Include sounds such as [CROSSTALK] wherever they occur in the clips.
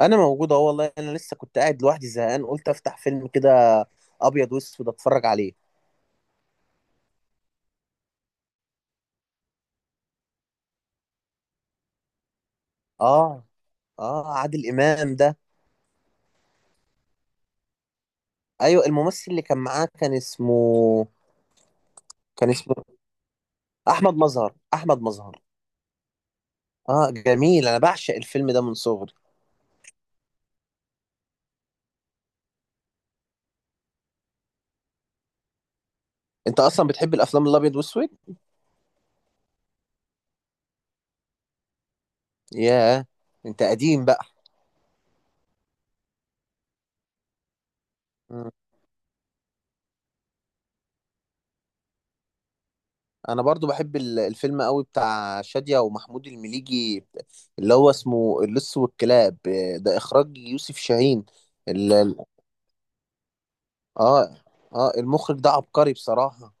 انا موجود اهو، والله انا لسه كنت قاعد لوحدي زهقان، قلت افتح فيلم كده ابيض واسود اتفرج عليه. اه، اه، عادل امام ده. ايوه، الممثل اللي كان معاه كان اسمه احمد مظهر، احمد مظهر. اه، جميل، انا بعشق الفيلم ده من صغري. انت اصلا بتحب الافلام الابيض واسود؟ ياه، انت قديم بقى. مم. انا برضو بحب الفيلم قوي بتاع شادية ومحمود المليجي، اللي هو اسمه اللص والكلاب. ده اخراج يوسف شاهين. ال- اه، اه، المخرج ده عبقري بصراحة.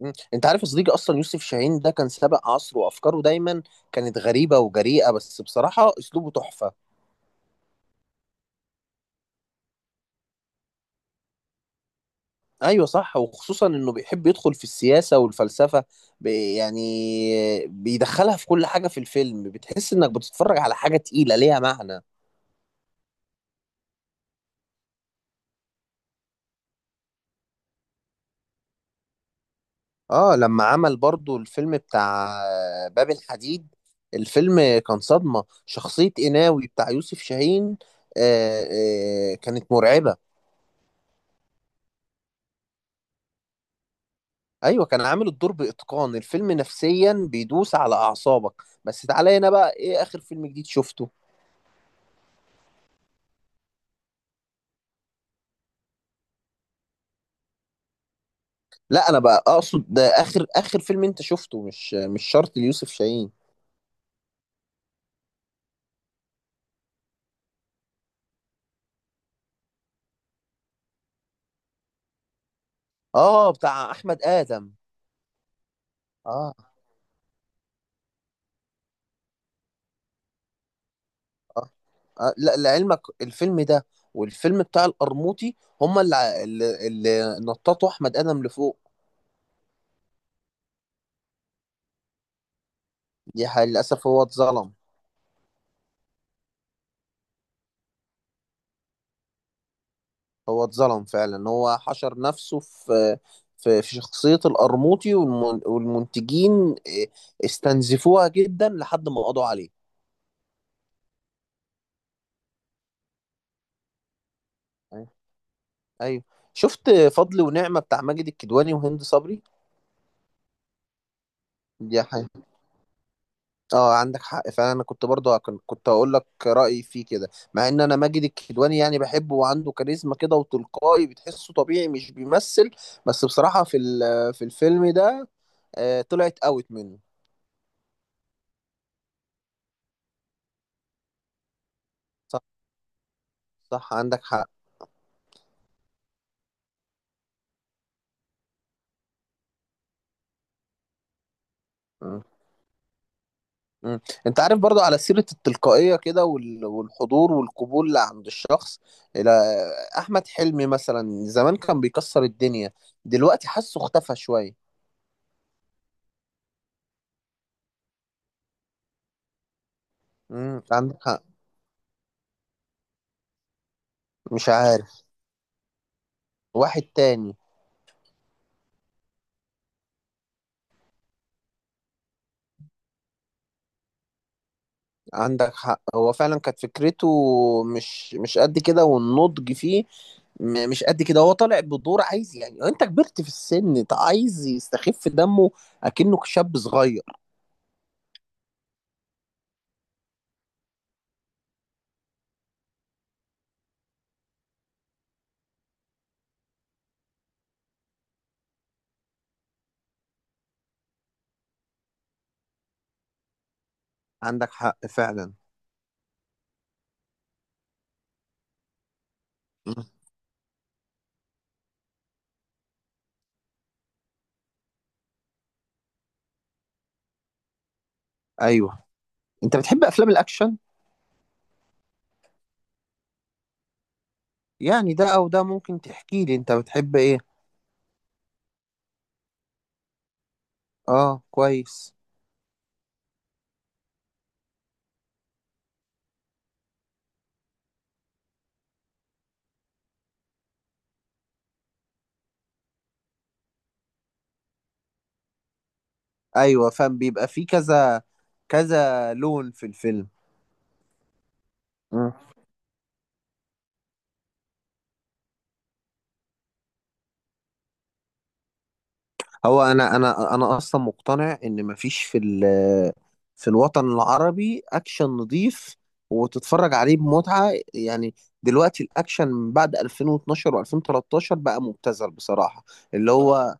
مم. انت عارف يا صديقي، اصلا يوسف شاهين ده كان سابق عصره، وافكاره دايما كانت غريبة وجريئة، بس بصراحة اسلوبه تحفة. ايوه صح، وخصوصا انه بيحب يدخل في السياسة والفلسفة، يعني بيدخلها في كل حاجة، في الفيلم بتحس انك بتتفرج على حاجة تقيلة ليها معنى. اه، لما عمل برضو الفيلم بتاع باب الحديد، الفيلم كان صدمة، شخصية قناوي بتاع يوسف شاهين، آه، آه، كانت مرعبة. ايوه، كان عامل الدور باتقان، الفيلم نفسيا بيدوس على اعصابك. بس تعالى هنا بقى، ايه اخر فيلم جديد شفته؟ لا، انا بقى اقصد ده اخر اخر فيلم انت شفته، مش شرط ليوسف شاهين. اه، بتاع احمد ادم. اه، اه، آه لا، لعلمك الفيلم ده والفيلم بتاع القرموطي، هما اللي نططوا احمد ادم لفوق. دي حقيقة، للاسف هو اتظلم. هو اتظلم فعلا، هو حشر نفسه في شخصية القرموطي، والمنتجين استنزفوها جدا لحد ما قضوا عليه. ايوه، أيوه. شفت فضل ونعمة بتاع ماجد الكدواني وهند صبري؟ دي حاجة. اه، عندك حق فعلا، انا كنت برضه هكن- كنت هقول لك رأيي فيه كده، مع ان انا ماجد الكدواني يعني بحبه وعنده كاريزما كده وتلقائي، بتحسه طبيعي مش بيمثل. بس بصراحة في الفيلم ده، طلعت اوت منه. صح، صح، عندك حق. مم. انت عارف برضو، على سيرة التلقائية كده والحضور والقبول اللي عند الشخص، الى احمد حلمي مثلا، زمان كان بيكسر الدنيا، دلوقتي حاسه اختفى شوية. مم. عندك حق. مش عارف. واحد تاني. عندك حق، هو فعلا كانت فكرته مش قد كده، والنضج فيه مش قد كده، هو طالع بدور عايز يعني انت كبرت في السن انت عايز يستخف دمه اكنه شاب صغير. عندك حق فعلا. مم. ايوه. انت بتحب افلام الاكشن؟ يعني ده او ده، ممكن تحكي لي انت بتحب ايه؟ اه كويس. ايوه فاهم، بيبقى فيه كذا كذا لون في الفيلم. مم. هو انا اصلا مقتنع ان مفيش في الوطن العربي اكشن نظيف، وتتفرج عليه بمتعة يعني. دلوقتي الاكشن من بعد 2012 و2013 بقى مبتذل بصراحة. اللي هو.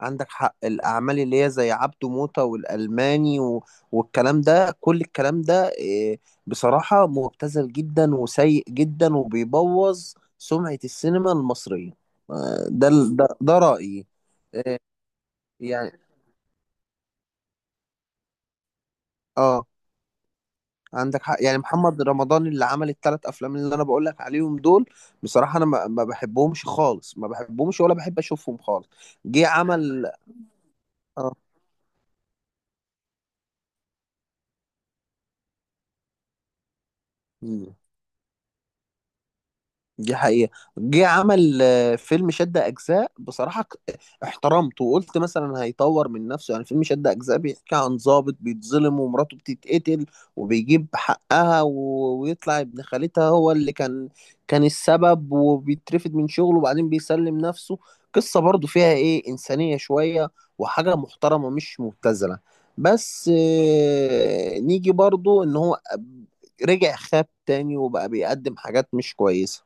عندك حق، الأعمال اللي هي زي عبده موتة والألماني و... والكلام ده، كل الكلام ده، بصراحة مبتذل جدا وسيء جدا وبيبوظ سمعة السينما المصرية. ده رأيي. آه، يعني اه عندك حق، يعني محمد رمضان اللي عمل الثلاث أفلام اللي أنا بقول لك عليهم دول، بصراحة أنا ما بحبهمش خالص، ما بحبهمش ولا بحب أشوفهم خالص. جه عمل. اه، دي حقيقة. جه عمل فيلم شد أجزاء، بصراحة احترمته وقلت مثلا هيطور من نفسه، يعني فيلم شد أجزاء بيحكي عن ضابط بيتظلم ومراته بتتقتل، وبيجيب حقها ويطلع ابن خالتها هو اللي كان السبب، وبيترفد من شغله وبعدين بيسلم نفسه. قصة برضو فيها إنسانية شوية، وحاجة محترمة مش مبتذلة. بس نيجي برضو إن هو رجع خاب تاني، وبقى بيقدم حاجات مش كويسة.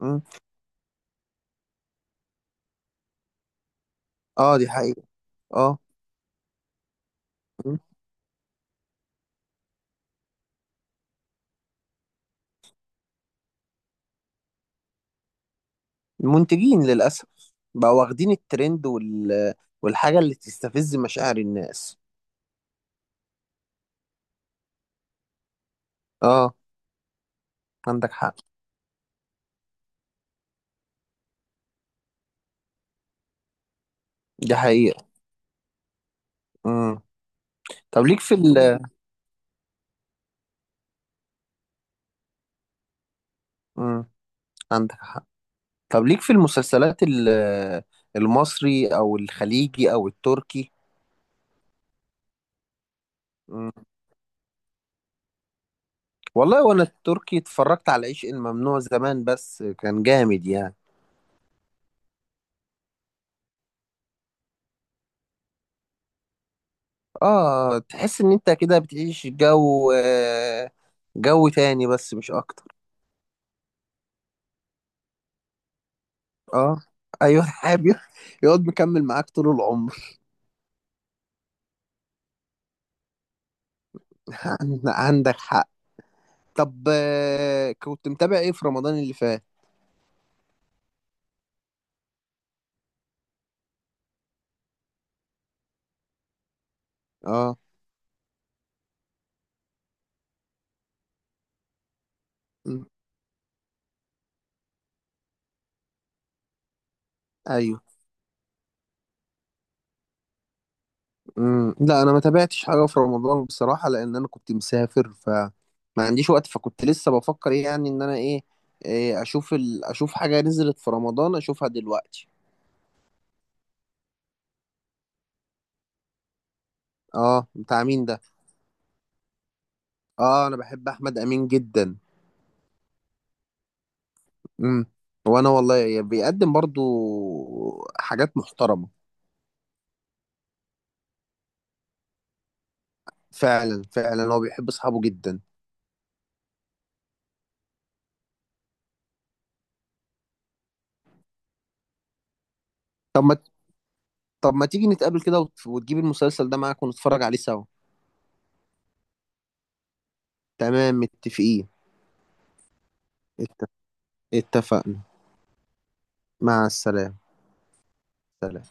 مم. اه، دي حقيقة. اه. مم. المنتجين للأسف بقوا واخدين الترند وال... والحاجة اللي تستفز مشاعر الناس. اه، عندك حق، دي حقيقة. مم. طب ليك في ال... مم. عندك حق. طب ليك في المسلسلات ال... المصري أو الخليجي أو التركي؟ مم. والله وأنا التركي اتفرجت على عشق الممنوع زمان، بس كان جامد يعني. اه، تحس إن أنت كده بتعيش جو تاني بس مش أكتر. اه. ايوه، [LAUGHS] حابب يقعد مكمل معاك طول العمر. [LAUGHS] عندك حق. طب، كنت متابع ايه في رمضان اللي فات؟ اه. م. ايوه. م. لا، انا ما تابعتش حاجه في رمضان بصراحه، لان انا كنت مسافر فما عنديش وقت، فكنت لسه بفكر ايه يعني، ان انا ايه، إيه، اشوف حاجه نزلت في رمضان اشوفها دلوقتي. اه، بتاع مين ده؟ اه، انا بحب احمد امين جدا. امم. وانا والله بيقدم برضو حاجات محترمه. فعلا، فعلا، هو بيحب اصحابه جدا. طب ما طب ما تيجي نتقابل كده وتجيب المسلسل ده معاك ونتفرج عليه سوا؟ تمام، متفقين. اتف- اتفقنا. مع السلامة. سلام.